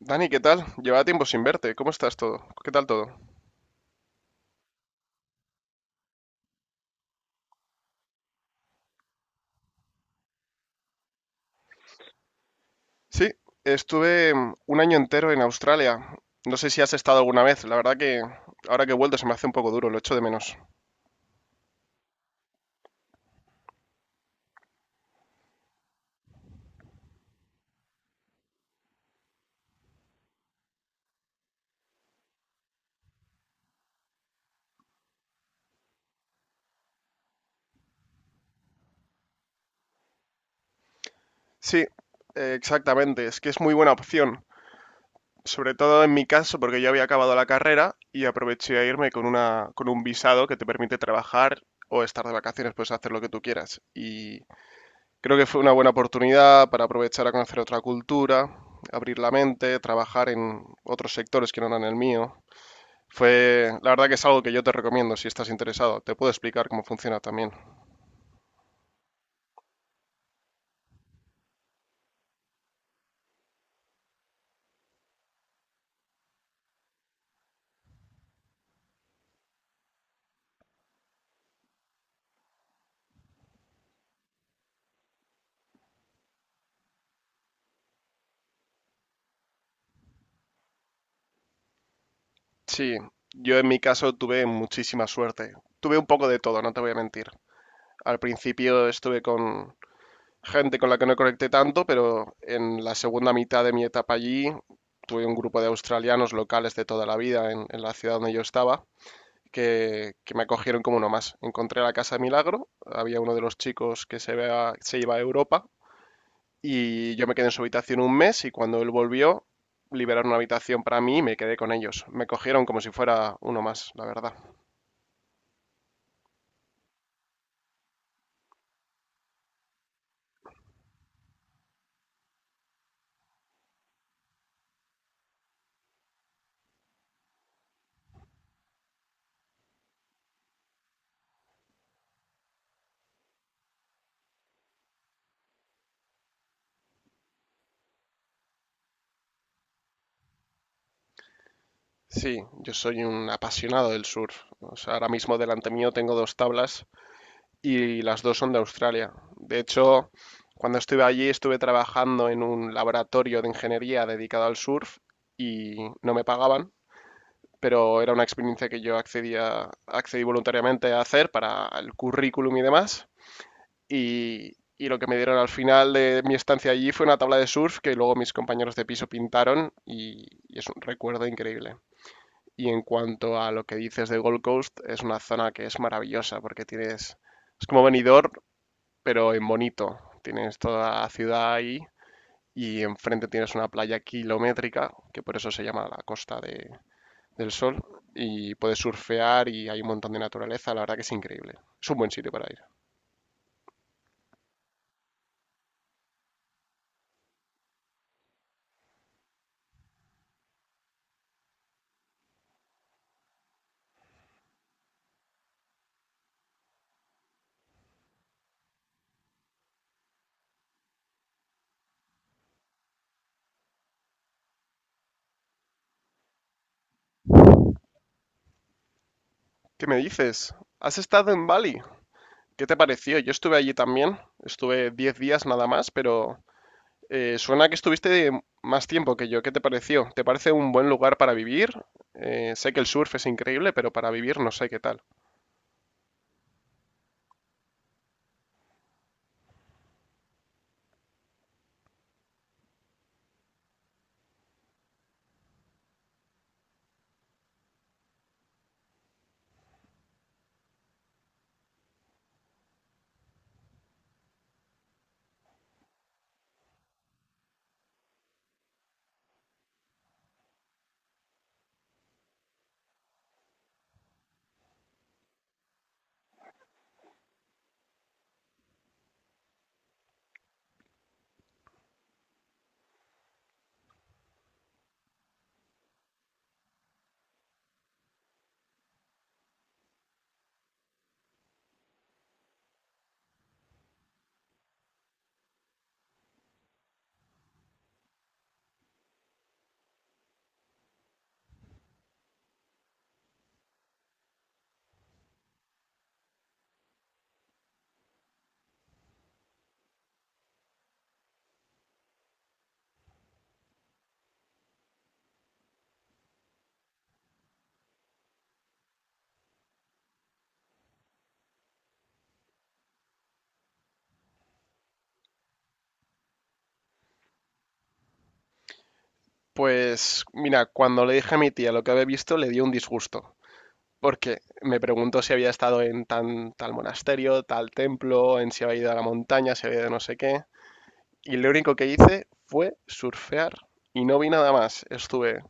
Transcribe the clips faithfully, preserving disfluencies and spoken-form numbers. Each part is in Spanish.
Dani, ¿qué tal? Llevaba tiempo sin verte. ¿Cómo estás todo? ¿Qué tal todo? Sí, estuve mm, un año entero en Australia. No sé si has estado alguna vez. La verdad que ahora que he vuelto se me hace un poco duro, lo echo de menos. Sí, eh, exactamente. Es que es muy buena opción. Sobre todo en mi caso, porque yo había acabado la carrera y aproveché a irme con una, con un visado que te permite trabajar o estar de vacaciones, puedes hacer lo que tú quieras. Y Creo que fue una buena oportunidad para aprovechar a conocer otra cultura, abrir la mente, trabajar en otros sectores que no eran el mío. Fue, la verdad que es algo que yo te recomiendo si estás interesado. Te puedo explicar cómo funciona también. Sí, yo en mi caso tuve muchísima suerte. Tuve un poco de todo, no te voy a mentir. Al principio estuve con gente con la que no conecté tanto, pero en la segunda mitad de mi etapa allí tuve un grupo de australianos locales de toda la vida en, en la ciudad donde yo estaba que, que me acogieron como uno más. Encontré la casa de Milagro, había uno de los chicos que se, iba- se iba a Europa y yo me quedé en su habitación un mes y cuando él volvió liberaron una habitación para mí y me quedé con ellos. Me cogieron como si fuera uno más, la verdad. Sí, yo soy un apasionado del surf. O sea, ahora mismo delante mío tengo dos tablas y las dos son de Australia. De hecho, cuando estuve allí estuve trabajando en un laboratorio de ingeniería dedicado al surf y no me pagaban, pero era una experiencia que yo accedía, accedí voluntariamente a hacer para el currículum y demás. Y, y lo que me dieron al final de mi estancia allí fue una tabla de surf que luego mis compañeros de piso pintaron y, y, es un recuerdo increíble. Y en cuanto a lo que dices de Gold Coast, es una zona que es maravillosa porque tienes, es como Benidorm, pero en bonito. Tienes toda la ciudad ahí y enfrente tienes una playa kilométrica, que por eso se llama la costa de, del sol y puedes surfear y hay un montón de naturaleza, la verdad que es increíble. Es un buen sitio para ir. ¿Qué me dices? ¿Has estado en Bali? ¿Qué te pareció? Yo estuve allí también, estuve diez días nada más, pero eh, suena que estuviste más tiempo que yo. ¿Qué te pareció? ¿Te parece un buen lugar para vivir? Eh, sé que el surf es increíble, pero para vivir no sé qué tal. Pues mira, cuando le dije a mi tía lo que había visto, le dio un disgusto, porque me preguntó si había estado en tan, tal monasterio, tal templo, en si había ido a la montaña, si había ido no sé qué. Y lo único que hice fue surfear y no vi nada más. Estuve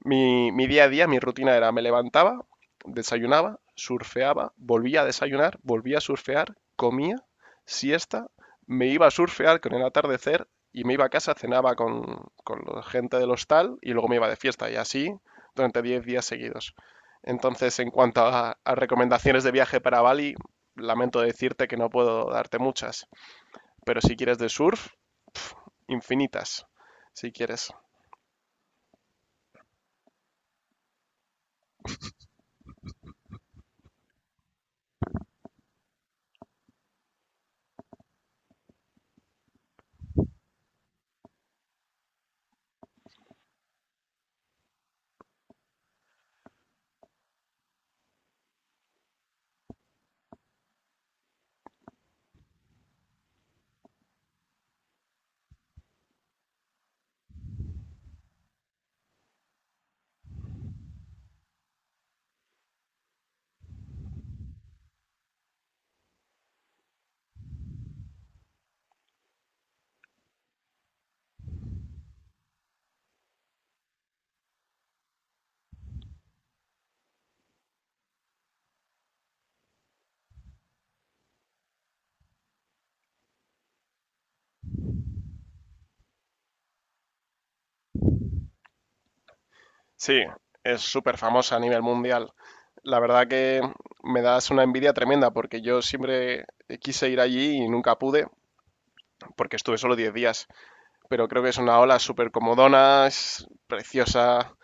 mi, mi día a día, mi rutina era: me levantaba, desayunaba, surfeaba, volvía a desayunar, volvía a surfear, comía, siesta, me iba a surfear con el atardecer y me iba a casa, cenaba con, con la gente del hostal y luego me iba de fiesta, y así durante diez días seguidos. Entonces, en cuanto a, a recomendaciones de viaje para Bali, lamento decirte que no puedo darte muchas, pero si quieres de surf, pf, infinitas, si quieres. Sí, es súper famosa a nivel mundial. La verdad que me das una envidia tremenda porque yo siempre quise ir allí y nunca pude porque estuve solo diez días. Pero creo que es una ola súper comodona, es preciosa.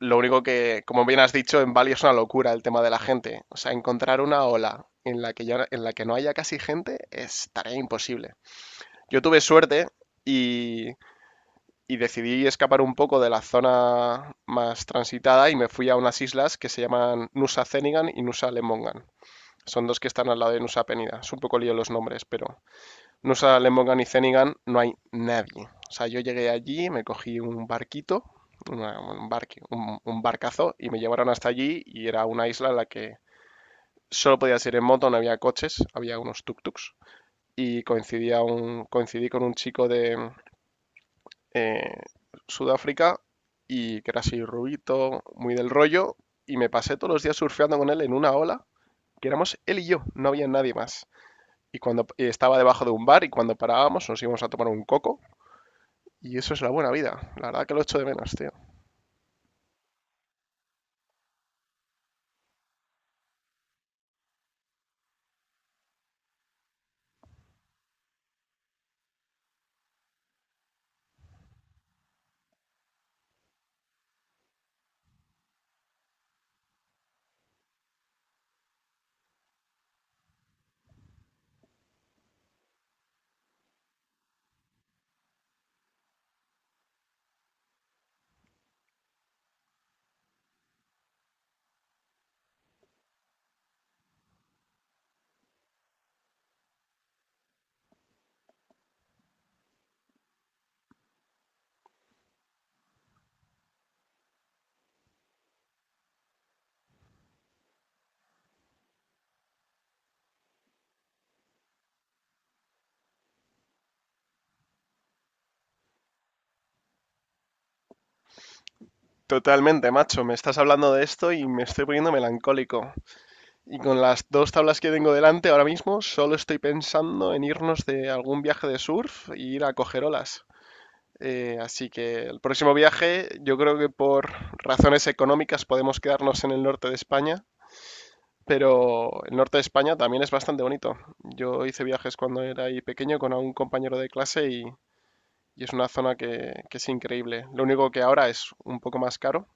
Lo único que, como bien has dicho, en Bali es una locura el tema de la gente. O sea, encontrar una ola en la que, ya, en la que no haya casi gente es tarea imposible. Yo tuve suerte y y decidí escapar un poco de la zona más transitada y me fui a unas islas que se llaman Nusa Zenigan y Nusa Lemongan. Son dos que están al lado de Nusa Penida. Es un poco lío los nombres, pero Nusa Lemongan y Zenigan no hay nadie. O sea, yo llegué allí, me cogí un barquito, una- un, barque, un, un barcazo, y me llevaron hasta allí y era una isla en la que solo podías ir en moto, no había coches, había unos tuk-tuks y coincidía un, coincidí con un chico de, eh, Sudáfrica, y que era así rubito, muy del rollo, y me pasé todos los días surfeando con él en una ola, que éramos él y yo, no había nadie más. Y cuando y estaba debajo de un bar y cuando parábamos nos íbamos a tomar un coco, y eso es la buena vida. La verdad que lo echo de menos, tío. Totalmente, macho. Me estás hablando de esto y me estoy poniendo melancólico. Y con las dos tablas que tengo delante ahora mismo, solo estoy pensando en irnos de algún viaje de surf e ir a coger olas. Eh, así que el próximo viaje, yo creo que por razones económicas podemos quedarnos en el norte de España, pero el norte de España también es bastante bonito. Yo hice viajes cuando era ahí pequeño con un compañero de clase, y, y es una zona que, que es increíble. Lo único que ahora es un poco más caro,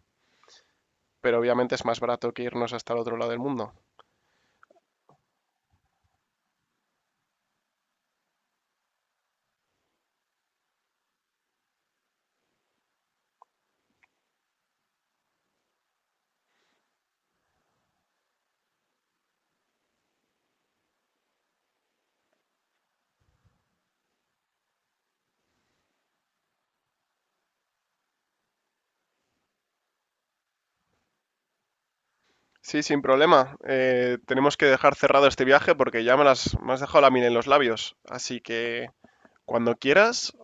pero obviamente es más barato que irnos hasta el otro lado del mundo. Sí, sin problema. Eh, tenemos que dejar cerrado este viaje porque ya me, las, me has dejado la miel en los labios. Así que cuando quieras,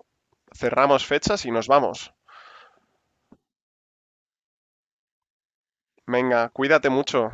cerramos fechas y nos vamos. Venga, cuídate mucho.